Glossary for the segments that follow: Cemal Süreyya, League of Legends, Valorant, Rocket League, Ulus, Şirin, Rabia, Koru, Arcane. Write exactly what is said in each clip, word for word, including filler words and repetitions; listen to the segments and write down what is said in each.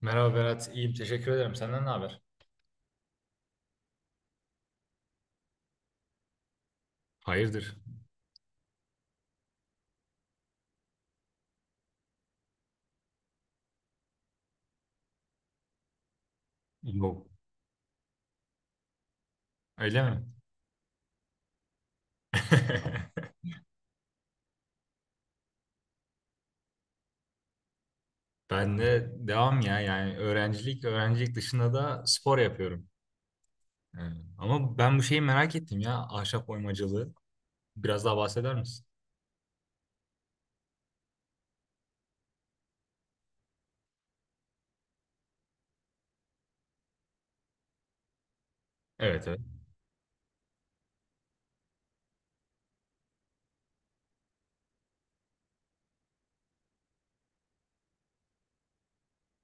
Merhaba Berat, iyiyim. Teşekkür ederim. Senden ne haber? Hayırdır? Yok. Öyle mi? Ben de devam ya yani öğrencilik öğrencilik dışında da spor yapıyorum. Yani Ama ben bu şeyi merak ettim ya, ahşap oymacılığı. Biraz daha bahseder misin? Evet, evet.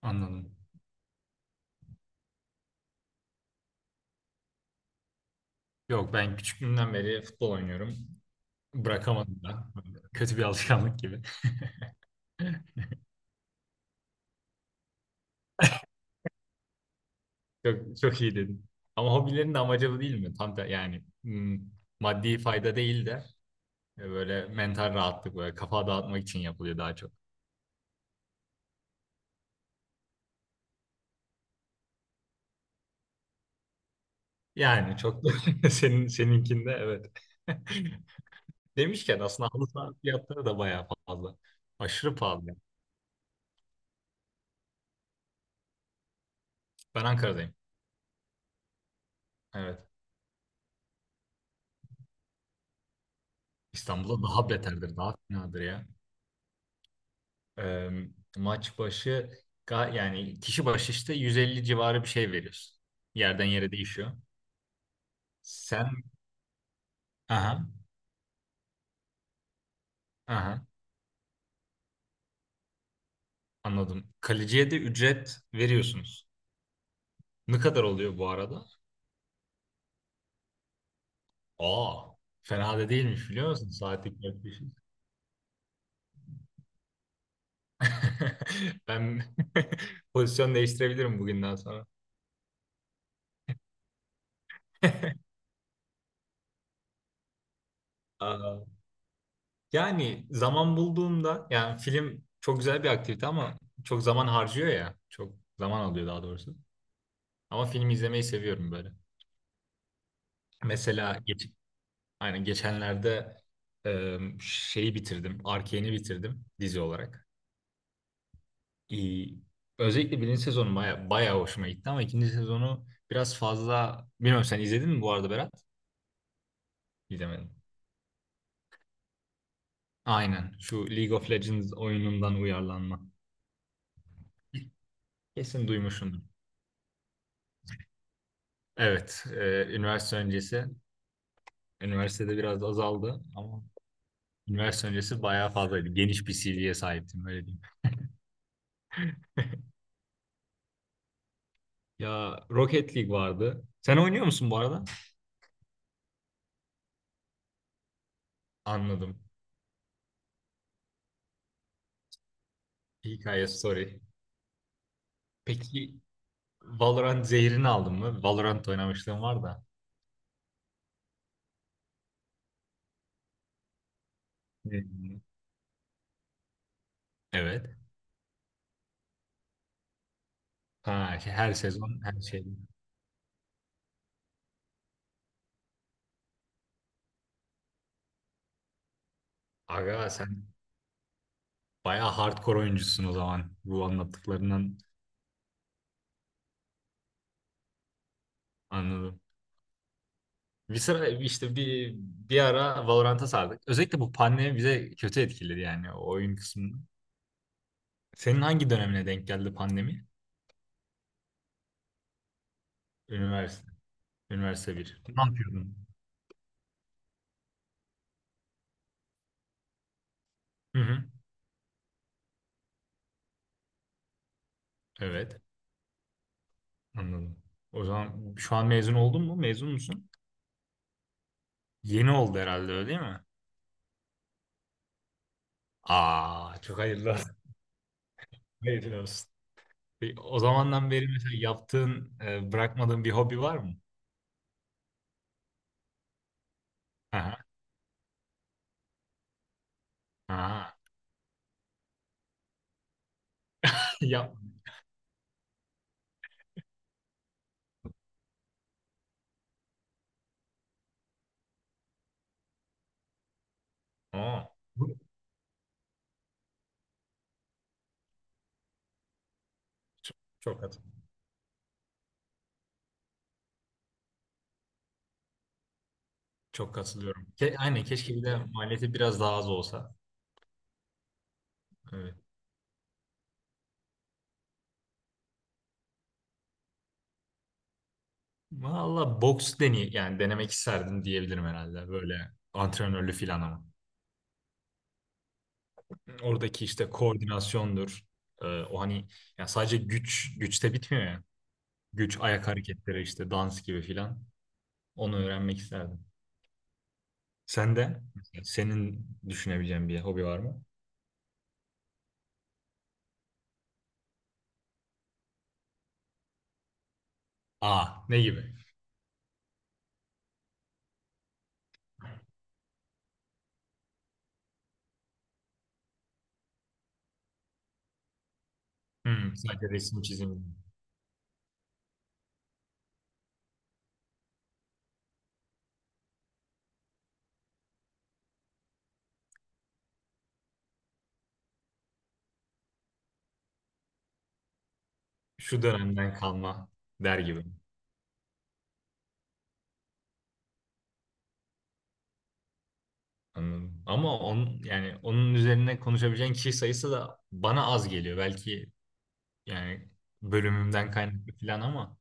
Anladım. Yok, ben küçüklüğümden beri futbol oynuyorum. Bırakamadım da. Kötü bir alışkanlık gibi. Çok, çok iyi dedin. Ama hobilerin de amacı bu değil mi? Tam da yani hmm, maddi fayda değil de, Ve böyle mental rahatlık, böyle kafa dağıtmak için yapılıyor daha çok. Yani çok da senin seninkinde, evet. Demişken aslında halı saha fiyatları da bayağı fazla. Aşırı pahalı. Ben Ankara'dayım. Evet. İstanbul'da daha beterdir, daha finadır ya. Ee, maç başı ga- yani kişi başı işte yüz elli civarı bir şey veriyorsun. Yerden yere değişiyor. Sen aha aha anladım. Kaleciye de ücret veriyorsunuz. Ne kadar oluyor bu arada? Aa, fena da değilmiş biliyor musun? Saatlik yaklaşık. Ben pozisyon değiştirebilirim bugünden sonra. Aa, yani zaman bulduğumda, yani film çok güzel bir aktivite ama çok zaman harcıyor ya. Çok zaman alıyor daha doğrusu. Ama film izlemeyi seviyorum böyle. Mesela geç, aynen geçenlerde e, şeyi bitirdim. Arcane'i bitirdim, dizi olarak. İyi. Özellikle birinci sezonu baya, bayağı hoşuma gitti ama ikinci sezonu biraz fazla... Bilmiyorum, sen izledin mi bu arada, Berat? İzlemedim. Aynen. Şu League of Legends oyunundan uyarlanma. Kesin duymuşsundur. Evet. E, üniversite öncesi. Üniversitede biraz azaldı ama üniversite öncesi bayağı fazlaydı. Geniş bir C V'ye sahiptim, öyle diyeyim. Ya, Rocket League vardı. Sen oynuyor musun bu arada? Anladım. Hikaye, story. Peki, Valorant zehrini aldın mı? Valorant oynamışlığım var da. Hı hı. Evet. Ha, şey- her sezon her şey. Aga, sen bayağı hardcore oyuncusun o zaman. Bu anlattıklarından anladım. Bir sıra işte bir bir ara Valorant'a sardık. Özellikle bu pandemi bize kötü etkiledi yani, o oyun kısmını. Senin hangi dönemine denk geldi pandemi? Üniversite. Üniversite bir. Ne yapıyordun? Hı hı. Evet. Anladım. O zaman şu an mezun oldun mu? Mezun musun? Yeni oldu herhalde, öyle değil mi? Aa, çok hayırlı olsun. Hayırlı olsun. Peki, o zamandan beri mesela yaptığın, e, bırakmadığın bir hobi var mı? Aha. Aha. Yap. Aa. Bu- Çok, çok katıl- çok katılıyorum. Ke aynen, keşke bir de maliyeti biraz daha az olsa. Evet. Valla, boks. Deney yani denemek isterdim, diyebilirim herhalde, böyle antrenörlü filan ama. Oradaki işte koordinasyondur. E, o hani, yani sadece güç güçte bitmiyor ya. Güç, ayak hareketleri, işte dans gibi filan. Onu öğrenmek isterdim. Sen de Senin düşünebileceğin bir hobi var mı? Aa, ne gibi? Hmm, sadece resim, çizim. Şu dönemden kalma, der gibi. Anladım. Ama onun, yani onun üzerine konuşabileceğin kişi sayısı da bana az geliyor. Belki yani bölümümden kaynaklı falan ama,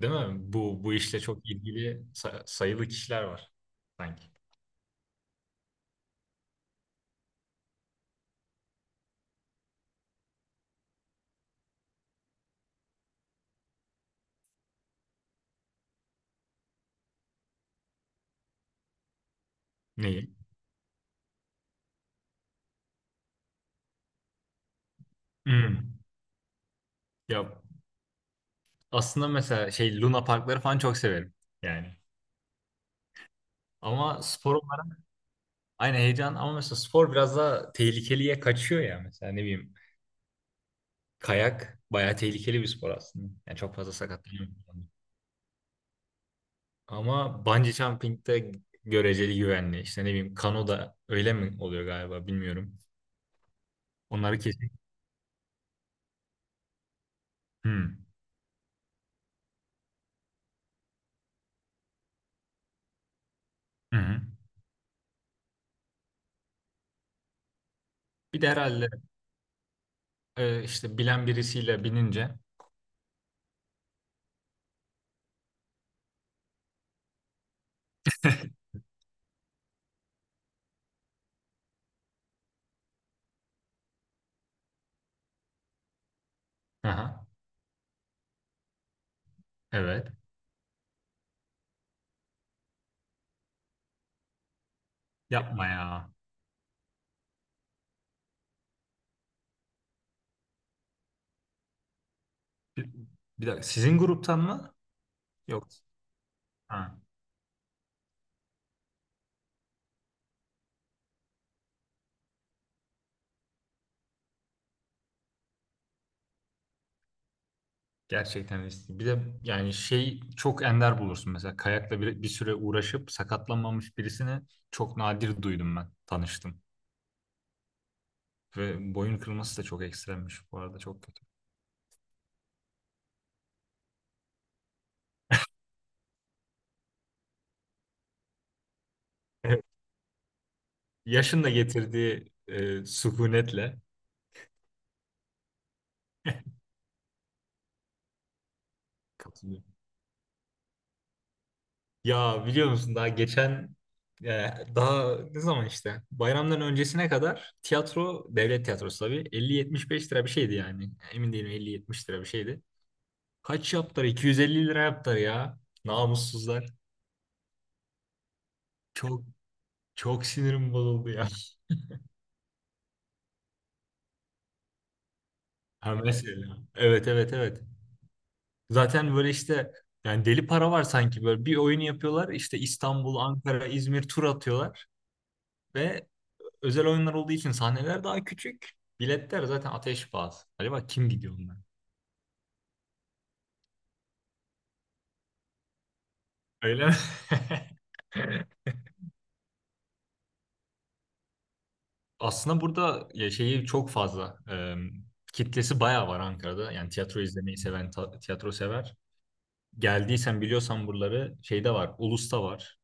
değil mi? Bu bu işle çok ilgili sa- sayılı kişiler var sanki. Neyi? Hmm. Ya, aslında mesela şey, Luna Parkları falan çok severim yani. Ama spor aynı heyecan, ama mesela spor biraz daha tehlikeliye kaçıyor ya. Mesela ne bileyim, kayak bayağı tehlikeli bir spor aslında. Yani çok fazla sakatlanıyor. Ama bungee jumping de göreceli güvenli. İşte ne bileyim, kano da öyle mi oluyor galiba, bilmiyorum. Onları kesin. Hmm. Hı hı. Bir de herhalde e, işte bilen birisiyle binince. Aha, evet. Yapma ya. Bir, Bir dakika, sizin gruptan mı? Yok. Gerçekten riskli. Bir de yani şey, çok ender bulursun mesela kayakla bir, bir süre uğraşıp sakatlanmamış birisini çok nadir duydum, ben tanıştım. Ve boyun kırılması da çok ekstremmiş bu arada, çok kötü. Evet. Yaşın da getirdiği e, sükunetle katılıyorum. Ya biliyor musun, daha geçen e, daha ne zaman işte bayramdan öncesine kadar tiyatro, devlet tiyatrosu tabii, elli yetmiş beş lira bir şeydi yani. Emin değilim, elli yetmiş lira bir şeydi. Kaç yaptılar? iki yüz elli lira yaptılar ya. Namussuzlar. Çok, çok sinirim bozuldu ya. Ha, mesela. Evet, evet, evet. Zaten böyle işte yani deli para var sanki, böyle bir oyun yapıyorlar. İşte İstanbul, Ankara, İzmir tur atıyorlar ve özel oyunlar olduğu için sahneler daha küçük. Biletler zaten ateş pahası. Acaba kim gidiyor onlar? Öyle mi? Aslında burada ya şeyi çok fazla. E, kitlesi bayağı var Ankara'da. Yani tiyatro izlemeyi seven, ta- tiyatro sever. Geldiysen, biliyorsan buraları, şeyde var. Ulus'ta var.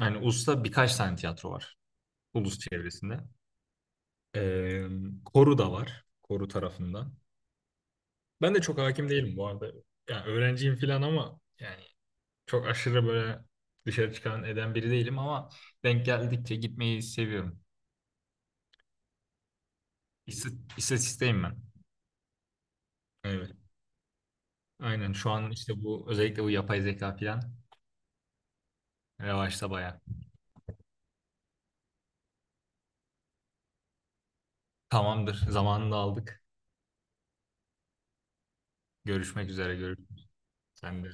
Yani Ulus'ta birkaç tane tiyatro var. Ulus çevresinde. Ee, Koru da var. Koru tarafında. Ben de çok hakim değilim bu arada. Yani öğrenciyim falan ama yani çok aşırı böyle dışarı çıkan eden biri değilim ama denk geldikçe gitmeyi seviyorum. İst- İstatisteyim ben. Evet. Aynen şu an işte bu, özellikle bu yapay zeka falan revaçta bayağı. Tamamdır. Zamanını da aldık. Görüşmek üzere, görüşürüz. Sen de.